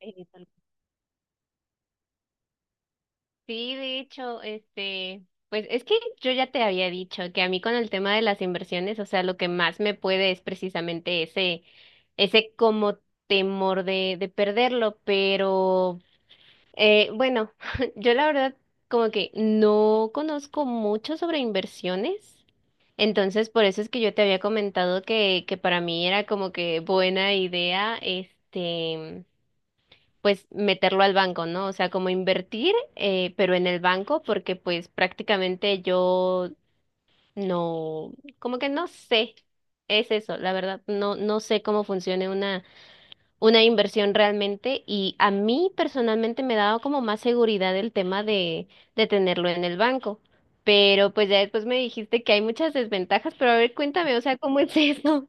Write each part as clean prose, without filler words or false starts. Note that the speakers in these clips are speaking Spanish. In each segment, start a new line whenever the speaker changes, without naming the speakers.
Eh, tal- Sí, de hecho, pues es que yo ya te había dicho que a mí con el tema de las inversiones, o sea, lo que más me puede es precisamente ese, ese como temor de perderlo, pero bueno, yo la verdad como que no conozco mucho sobre inversiones. Entonces, por eso es que yo te había comentado que para mí era como que buena idea, pues meterlo al banco, ¿no? O sea, como invertir, pero en el banco, porque pues prácticamente yo no, como que no sé, es eso, la verdad, no, no sé cómo funcione una inversión realmente, y a mí personalmente me ha dado como más seguridad el tema de tenerlo en el banco, pero pues ya después me dijiste que hay muchas desventajas, pero a ver, cuéntame, o sea, ¿cómo es eso?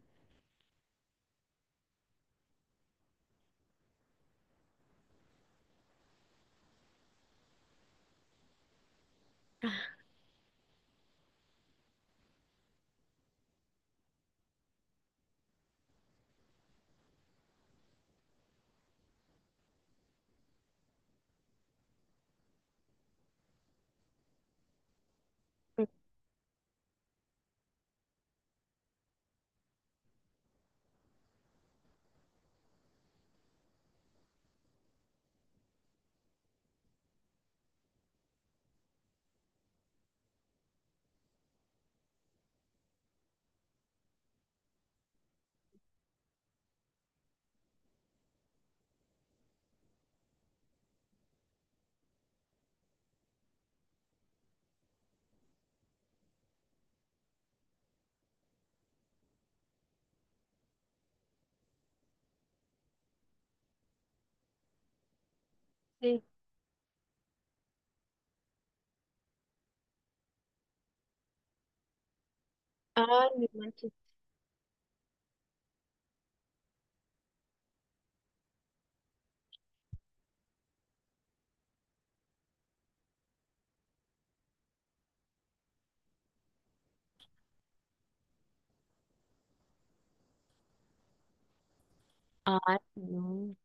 Sí. Ay, no manches. Ay, no.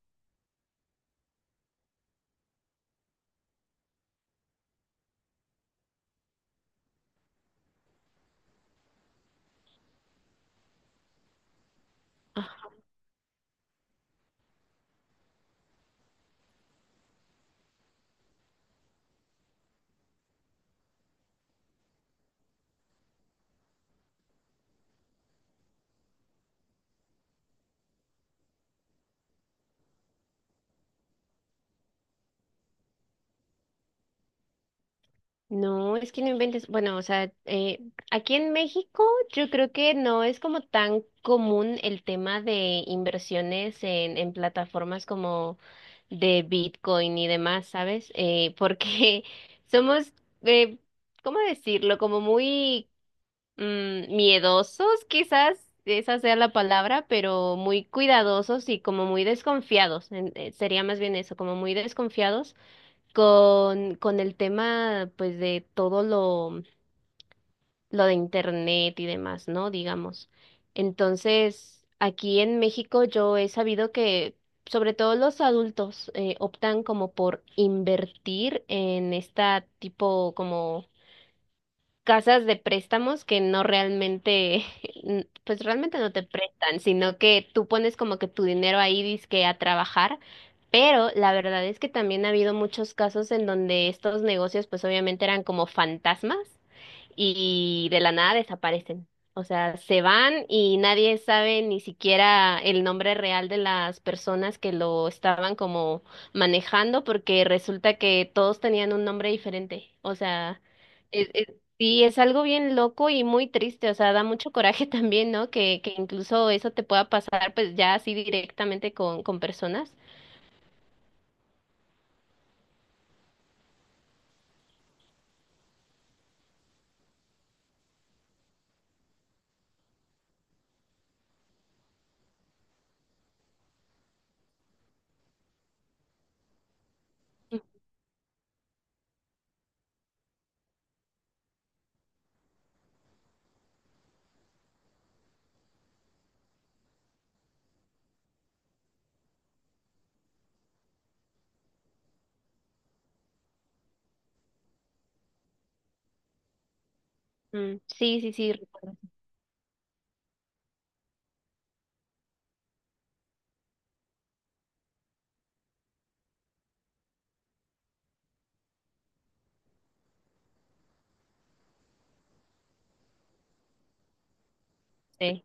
No, es que no inventes. Bueno, o sea, aquí en México yo creo que no es como tan común el tema de inversiones en plataformas como de Bitcoin y demás, ¿sabes? Porque somos, eh, ¿cómo decirlo? Como muy miedosos, quizás esa sea la palabra, pero muy cuidadosos y como muy desconfiados. Sería más bien eso, como muy desconfiados con el tema, pues, de todo lo de internet y demás, ¿no? Digamos. Entonces, aquí en México yo he sabido que, sobre todo los adultos, optan como por invertir en esta tipo como casas de préstamos que no realmente, pues realmente no te prestan, sino que tú pones como que tu dinero ahí dizque a trabajar, pero la verdad es que también ha habido muchos casos en donde estos negocios pues obviamente eran como fantasmas y de la nada desaparecen. O sea, se van y nadie sabe ni siquiera el nombre real de las personas que lo estaban como manejando, porque resulta que todos tenían un nombre diferente. E- es, Sí, es algo bien loco y muy triste, o sea, da mucho coraje también, ¿no? Que incluso eso te pueda pasar, pues ya así directamente con personas. Ujú. Sí, sí, sí, recuerdo. Sí.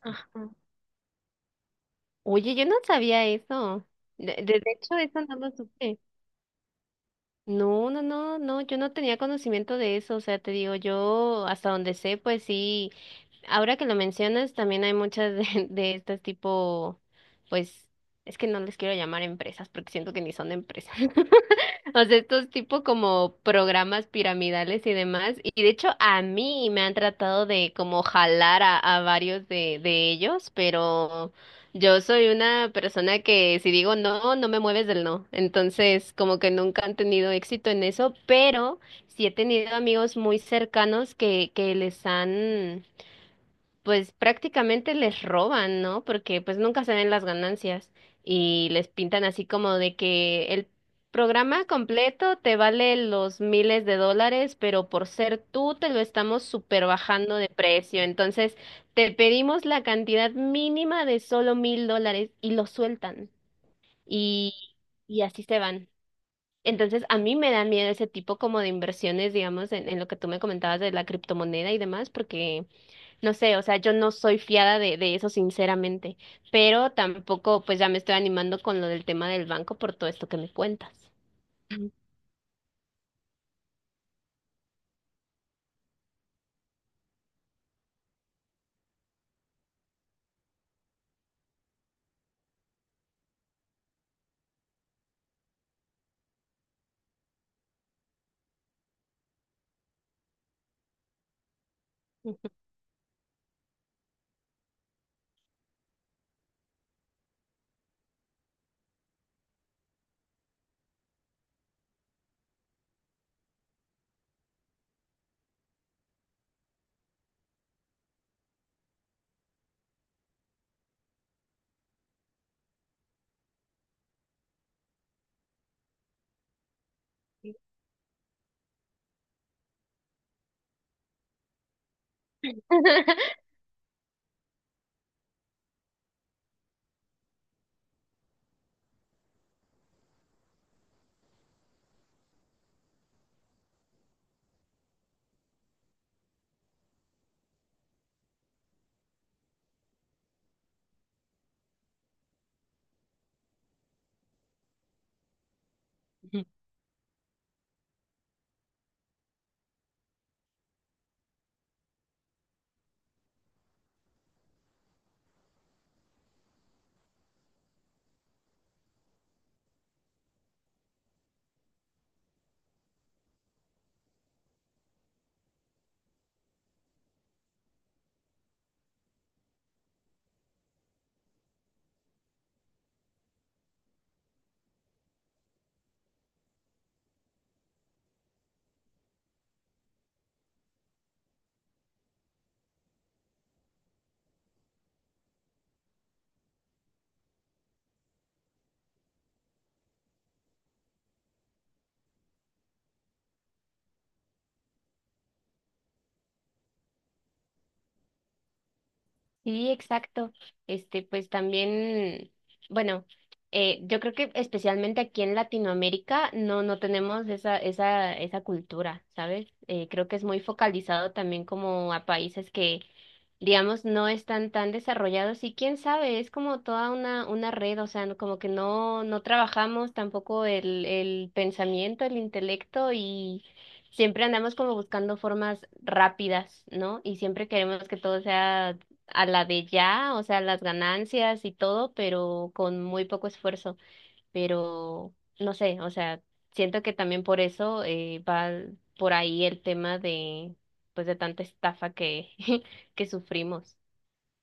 Ajá. Oye, yo no sabía eso. De hecho, eso no lo supe. No, no, no, no, yo no tenía conocimiento de eso, o sea, te digo, yo hasta donde sé, pues sí, ahora que lo mencionas, también hay muchas de estas tipo, pues, es que no les quiero llamar empresas porque siento que ni son empresas. O sea, estos tipo como programas piramidales y demás. Y de hecho a mí me han tratado de como jalar a varios de ellos, pero yo soy una persona que si digo no, no me mueves del no. Entonces como que nunca han tenido éxito en eso, pero sí he tenido amigos muy cercanos que les han pues prácticamente les roban, ¿no? Porque pues nunca se ven las ganancias y les pintan así como de que el programa completo te vale los miles de dólares, pero por ser tú te lo estamos super bajando de precio. Entonces te pedimos la cantidad mínima de solo mil dólares y lo sueltan y, y así se van. Entonces, a mí me da miedo ese tipo como de inversiones, digamos, en lo que tú me comentabas de la criptomoneda y demás, porque no sé, o sea, yo no soy fiada de eso, sinceramente, pero tampoco pues ya me estoy animando con lo del tema del banco por todo esto que me cuentas. Sí, exacto. Este, pues también, bueno, yo creo que especialmente aquí en Latinoamérica no, no tenemos esa cultura, ¿sabes? Creo que es muy focalizado también como a países que, digamos, no están tan desarrollados, y quién sabe, es como toda una red, o sea, como que no, no trabajamos tampoco el pensamiento, el intelecto, y siempre andamos como buscando formas rápidas, ¿no? Y siempre queremos que todo sea a la de ya, o sea, las ganancias y todo, pero con muy poco esfuerzo. Pero no sé, o sea, siento que también por eso va por ahí el tema de, pues, de tanta estafa que, que sufrimos.